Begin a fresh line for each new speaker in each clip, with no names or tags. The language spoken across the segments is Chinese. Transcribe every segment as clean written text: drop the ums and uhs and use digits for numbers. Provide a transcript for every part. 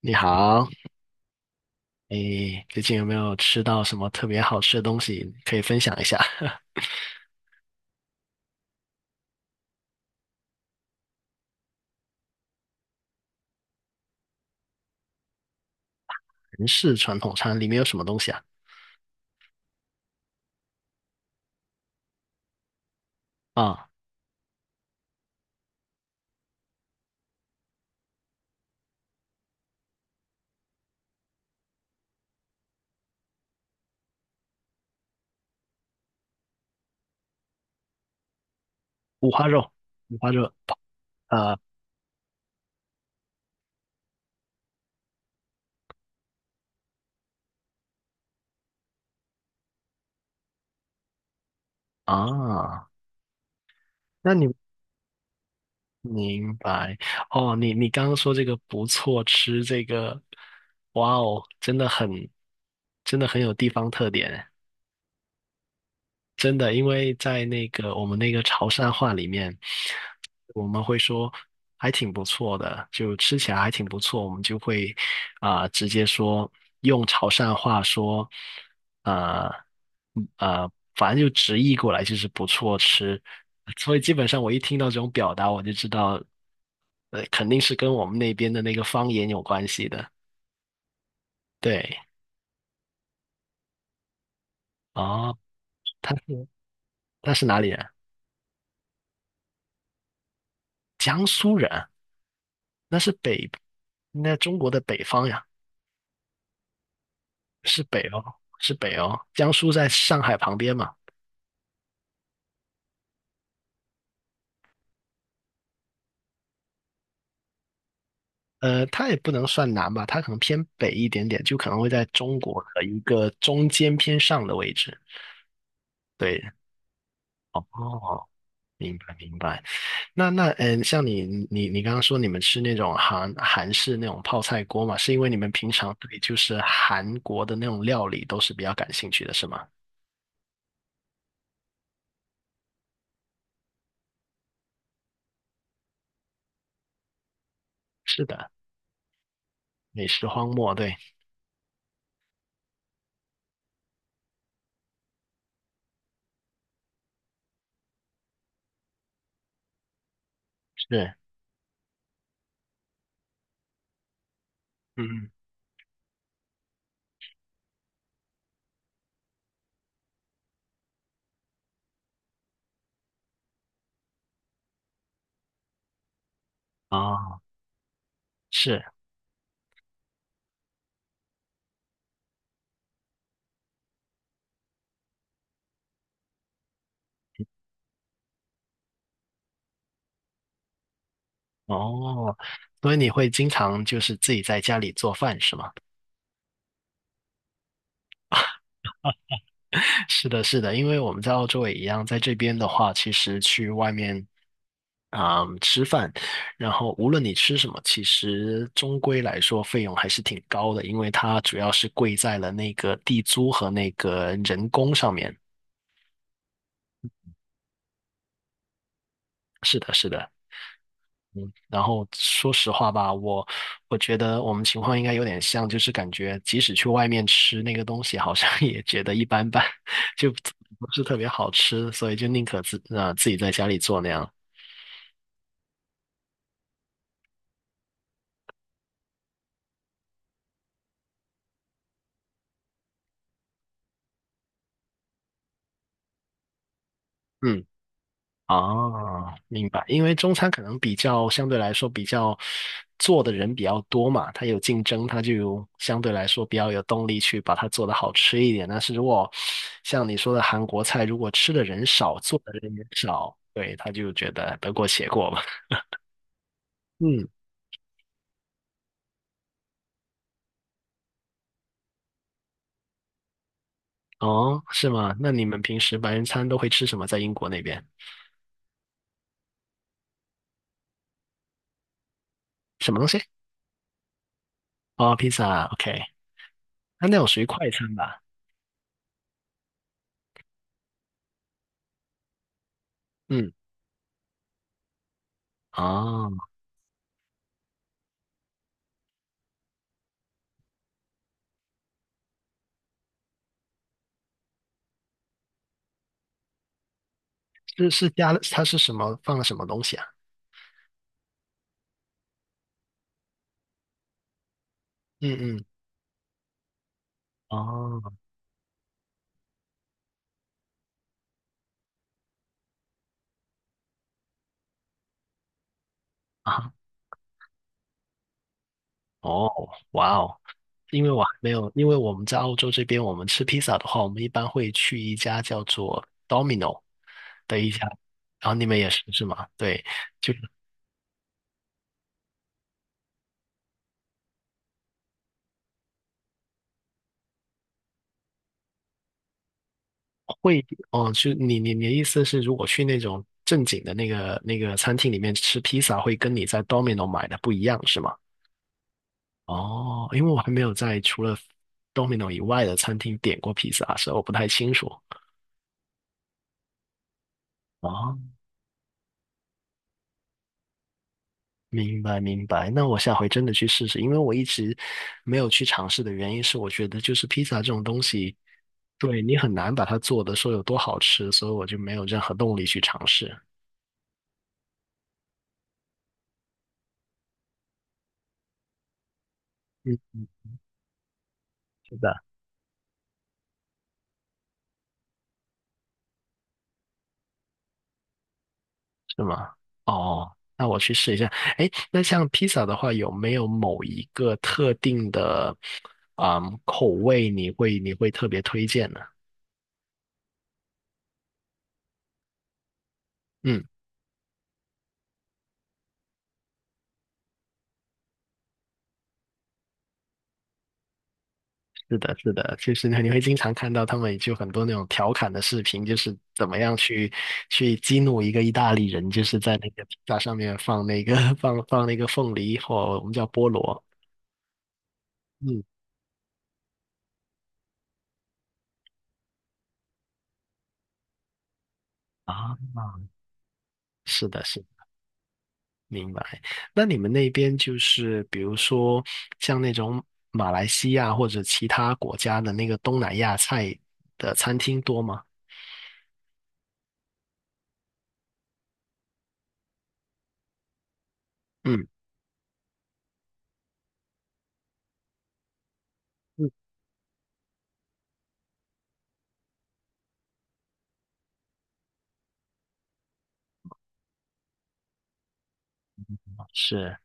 你好，诶，最近有没有吃到什么特别好吃的东西？可以分享一下。韩式传统餐里面有什么东西啊？啊，五花肉，五花肉，呃，啊，那你明白哦？你刚刚说这个不错吃，这个，哇哦，真的很，真的很有地方特点。真的，因为在那个我们那个潮汕话里面，我们会说还挺不错的，就吃起来还挺不错，我们就会啊、直接说用潮汕话说，呃反正就直译过来就是不错吃。所以基本上我一听到这种表达，我就知道，肯定是跟我们那边的那个方言有关系的。对，哦，他是他是哪里人？江苏人。那是北，那中国的北方呀，是北哦，是北哦。江苏在上海旁边嘛，它也不能算南吧，它可能偏北一点点，就可能会在中国的一个中间偏上的位置。对，哦，明白明白。那像你刚刚说你们吃那种韩式那种泡菜锅嘛，是因为你们平常对就是韩国的那种料理都是比较感兴趣的，是吗？是的，美食荒漠，对，是，嗯，嗯哦，是。哦，所以你会经常就是自己在家里做饭是吗？是的，是的，因为我们在澳洲也一样，在这边的话，其实去外面啊、吃饭，然后无论你吃什么，其实终归来说费用还是挺高的，因为它主要是贵在了那个地租和那个人工上面。是的，是的。嗯，然后说实话吧，我觉得我们情况应该有点像，就是感觉即使去外面吃那个东西，好像 也觉得一般般，就不是特别好吃，所以就宁可自己在家里做那样。嗯。哦，明白。因为中餐可能比较相对来说比较做的人比较多嘛，它有竞争，它就相对来说比较有动力去把它做得好吃一点。但是如果像你说的韩国菜，如果吃的人少，做的人也少，对，他就觉得得过且过嘛。嗯，哦，是吗？那你们平时白人餐都会吃什么？在英国那边什么东西？哦，披萨，OK，那那种属于快餐吧？嗯，哦，是加了，它是什么放了什么东西啊？嗯嗯哦啊哦，哇哦！因为我还没有，因为我们在澳洲这边，我们吃披萨的话，我们一般会去一家叫做 Domino 的一家，然后你们也是是吗？对，就是会哦，就你的意思是，如果去那种正经的那个那个餐厅里面吃披萨，会跟你在 Domino 买的不一样是吗？哦，因为我还没有在除了 Domino 以外的餐厅点过披萨，所以我不太清楚。哦，明白明白，那我下回真的去试试，因为我一直没有去尝试的原因是，我觉得就是披萨这种东西，对你很难把它做的说有多好吃，所以我就没有任何动力去尝试。嗯，是的，是吗？哦，那我去试一下。哎，那像披萨的话，有没有某一个特定的，嗯，口味你会特别推荐呢？嗯。是的，是的，就是你会经常看到他们就很多那种调侃的视频，就是怎么样去去激怒一个意大利人，就是在那个披萨上面放那个 放那个凤梨或我们叫菠萝。嗯啊，是的，是的明白。那你们那边就是比如说像那种马来西亚或者其他国家的那个东南亚菜的餐厅多吗？嗯嗯，是。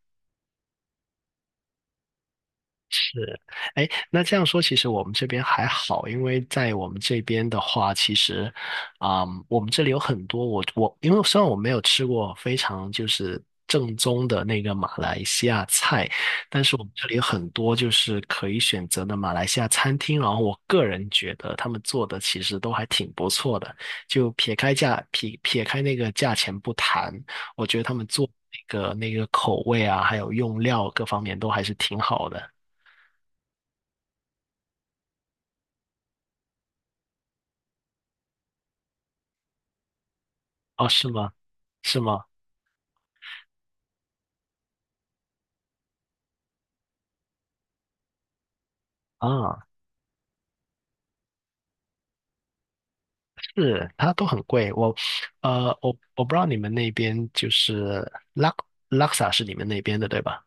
是，哎，那这样说，其实我们这边还好，因为在我们这边的话，其实，嗯，我们这里有很多我，因为虽然我没有吃过非常就是正宗的那个马来西亚菜，但是我们这里有很多就是可以选择的马来西亚餐厅，然后我个人觉得他们做的其实都还挺不错的，就撇开那个价钱不谈，我觉得他们做。那个那个口味啊，还有用料各方面都还是挺好的。哦，是吗？是吗？啊，是，它都很贵。我，我不知道你们那边就是拉萨是你们那边的对吧？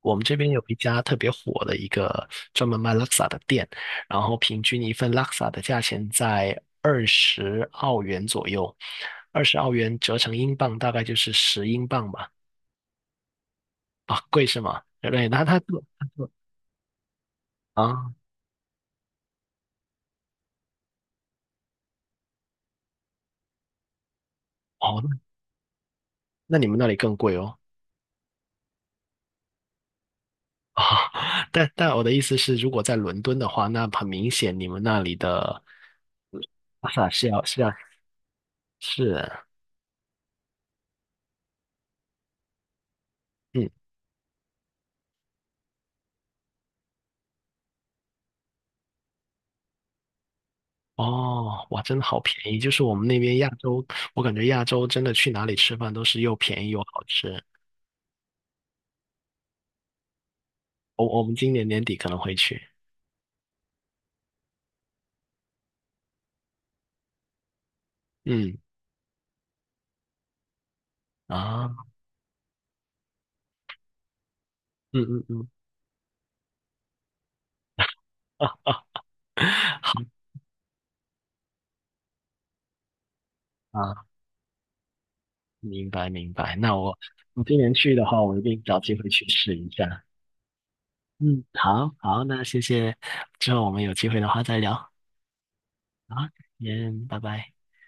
我们这边有一家特别火的一个专门卖拉萨的店，然后平均一份拉萨的价钱在二十澳元左右，二十澳元折成英镑大概就是10英镑吧。啊，贵是吗？对，那它做啊，哦，那那你们那里更贵哦。啊，但我的意思是，如果在伦敦的话，那很明显你们那里的巴萨是要是嗯，哦，哇，真的好便宜！就是我们那边亚洲，我感觉亚洲真的去哪里吃饭都是又便宜又好吃。我们今年年底可能会去，嗯啊，嗯嗯嗯啊啊，好啊，明白明白。那我今年去的话，我一定找机会去试一下。嗯，好好，那谢谢，之后我们有机会的话再聊。好，先拜拜。